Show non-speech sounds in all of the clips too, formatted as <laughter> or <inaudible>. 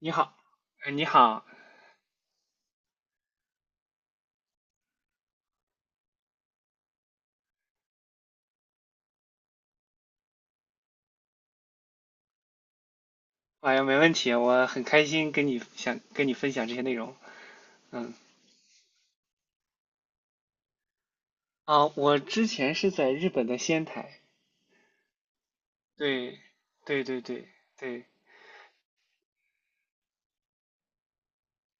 你好，你好。哎呀，没问题，我很开心想跟你分享这些内容。嗯。啊，我之前是在日本的仙台。对，对对对对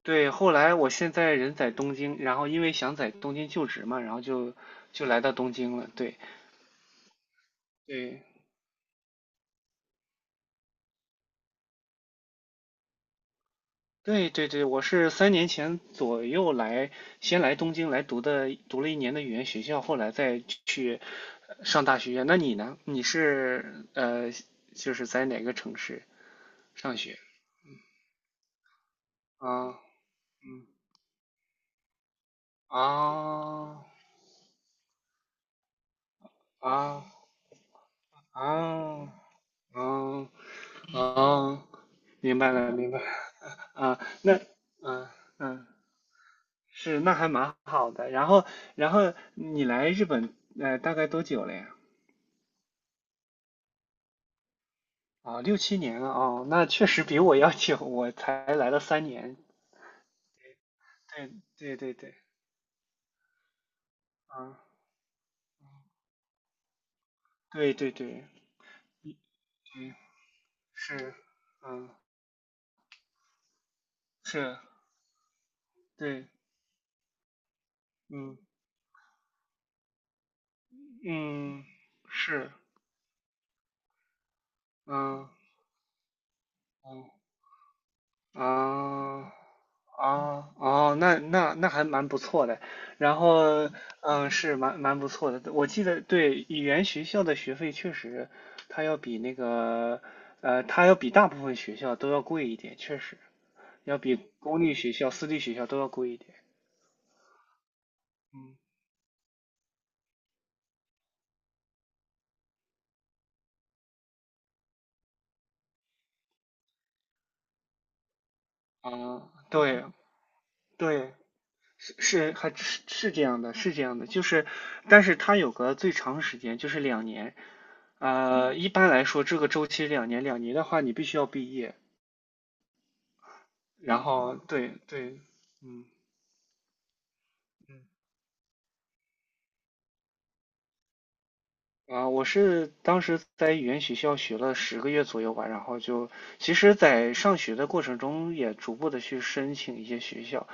对。后来我现在人在东京，然后因为想在东京就职嘛，然后就来到东京了。对对，对对对，我是三年前左右来，先来东京来读的，读了一年的语言学校，后来再去上大学。那你呢？你是就是在哪个城市上学？啊，嗯，啊啊啊啊啊。明白了，明白了啊。那嗯嗯，是，那还蛮好的。然后你来日本大概多久了呀？啊，六七年啊，哦，那确实比我要久，我才来了三年。对对对对，啊，对对对对，是，嗯，是，对，嗯嗯，是，嗯嗯啊啊哦，那还蛮不错的。然后，嗯，是蛮不错的。我记得，对，语言学校的学费确实，它要比那个，它要比大部分学校都要贵一点，确实。要比公立学校、私立学校都要贵一点。嗯，啊，对对，是是还是是这样的，是这样的，就是，但是它有个最长时间，就是两年。一般来说，这个周期两年，两年的话，你必须要毕业。然后，对对，嗯。嗯啊，我是当时在语言学校学了十个月左右吧，然后就，其实，在上学的过程中也逐步的去申请一些学校，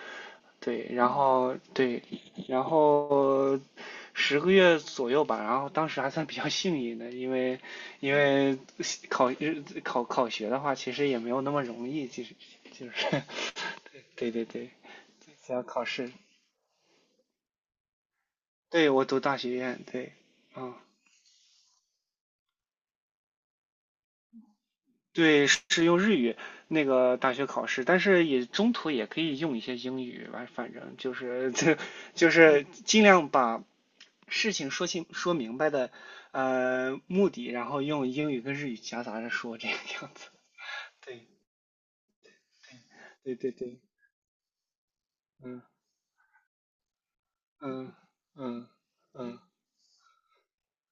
对，然后对，然后十个月左右吧，然后当时还算比较幸运的，因为因为考考考学的话，其实也没有那么容易，其实就是 <laughs> 对对对，只要考试，对我读大学院，对，嗯，对，是那个大学考试，但是也中途也可以用一些英语吧，反正就是 <laughs> 就是尽量把事情说明白的，目的，然后用英语跟日语夹杂着说，这个样子。<laughs> 对，对对对，嗯嗯嗯嗯，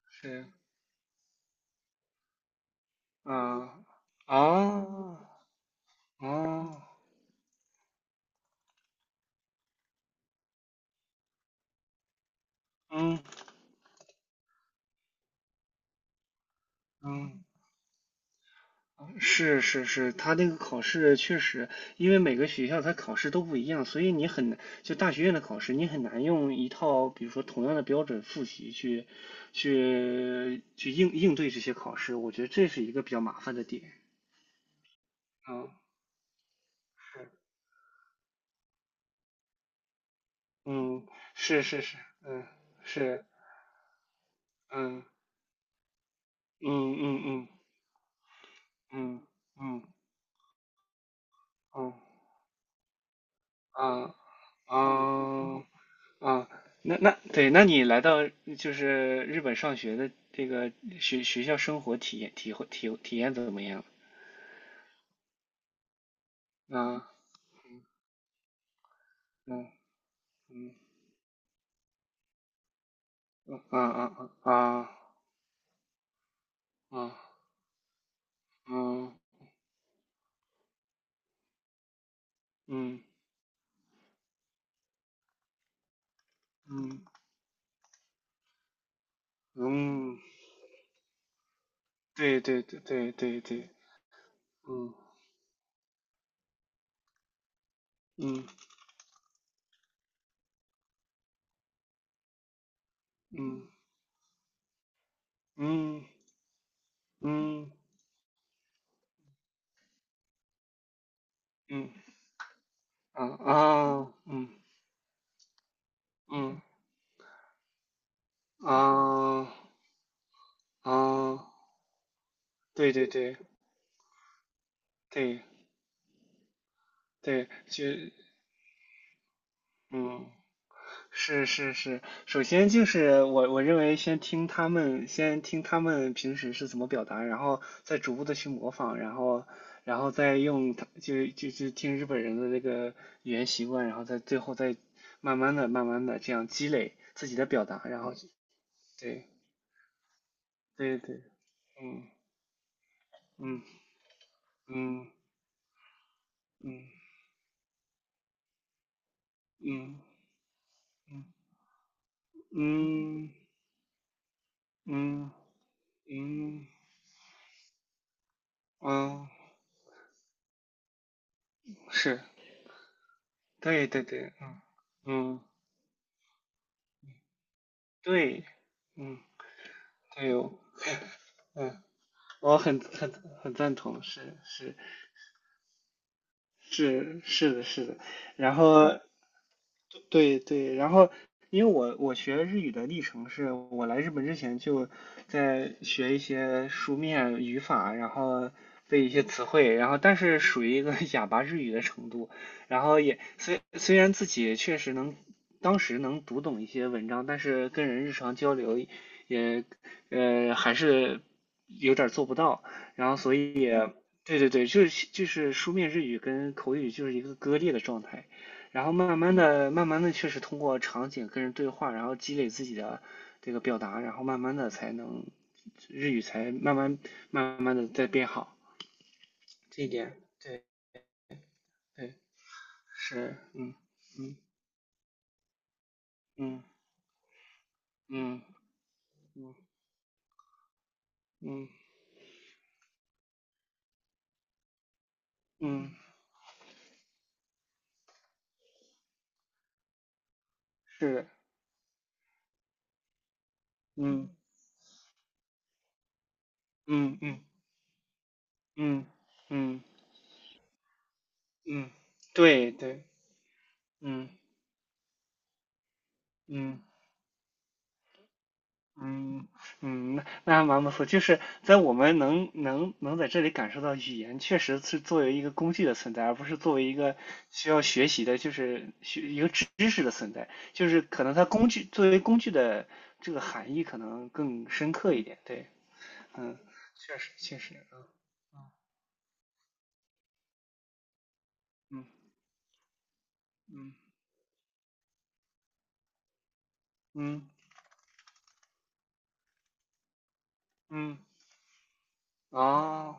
是，啊啊啊嗯嗯，是是是，他那个考试确实，因为每个学校它考试都不一样，所以你很难，就大学院的考试，你很难用一套比如说同样的标准复习去应对这些考试，我觉得这是一个比较麻烦的点。嗯，是，嗯，是是是，嗯，是，嗯嗯嗯嗯嗯嗯嗯啊啊啊。那对，那你来到就是日本上学的这个学校生活体验体会体体验怎么样？啊嗯嗯啊啊啊啊嗯嗯嗯嗯，对对对对对对，嗯嗯嗯嗯嗯嗯。啊啊，嗯嗯啊啊，对对对对对，就，嗯，是是是，首先就是我认为先听他们平时是怎么表达，然后再逐步的去模仿，然后再用他就就就听日本人的那个语言习惯，然后再最后再慢慢的慢慢的这样积累自己的表达，然后对对对，嗯嗯嗯嗯嗯嗯。嗯嗯嗯嗯嗯嗯，是，对对对，嗯嗯，对，嗯，对哦，嗯，我很赞同，是是是是的，是的。然后对对，然后因为我学日语的历程是，我来日本之前就在学一些书面语法，然后背一些词汇，然后但是属于一个 <laughs> 哑巴日语的程度，然后也虽然自己确实能，当时能读懂一些文章，但是跟人日常交流也还是有点儿做不到，然后所以对对对，就是书面日语跟口语就是一个割裂的状态。然后慢慢的、慢慢的，确实通过场景跟人对话，然后积累自己的这个表达，然后慢慢的才能，日语才慢慢、慢慢的在变好。这一点，对，对，是，嗯嗯嗯嗯嗯嗯嗯，是，嗯嗯嗯嗯嗯嗯，对对，嗯嗯。嗯嗯，那还蛮不错。就是在我们能在这里感受到，语言确实是作为一个工具的存在，而不是作为一个需要学习的，就是学知识的存在。就是可能它工具作为工具的这个含义可能更深刻一点。对，嗯，确实确实，嗯嗯嗯嗯，哦，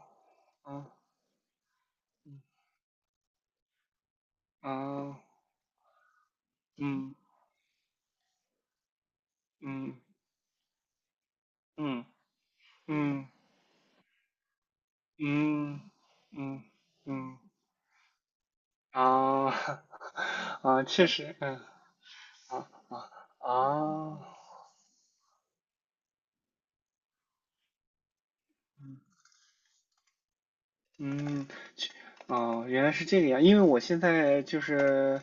嗯嗯，哦，嗯嗯嗯嗯嗯嗯嗯。嗯，啊 <laughs> 啊，确实，嗯，啊啊啊，嗯，确哦，原来是这个样，因为我现在就是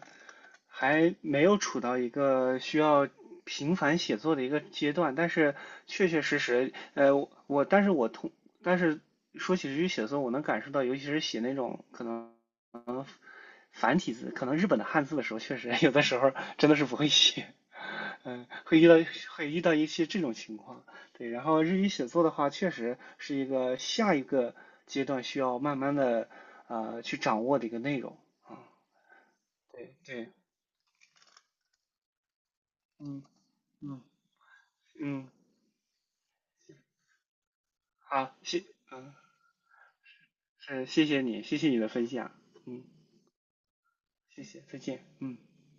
还没有处到一个需要频繁写作的一个阶段，但是确确实实，我但是我通，但是说起日语写作，我能感受到，尤其是写那种可能繁体字，可能日本的汉字的时候，确实 <laughs> 有的时候真的是不会写。嗯，会遇到一些这种情况，对。然后日语写作的话，确实是一个下一个阶段需要慢慢的去掌握的一个内容。对对，嗯嗯嗯，好，嗯，是，谢谢你，谢谢你的分享，嗯，谢谢，再见，嗯。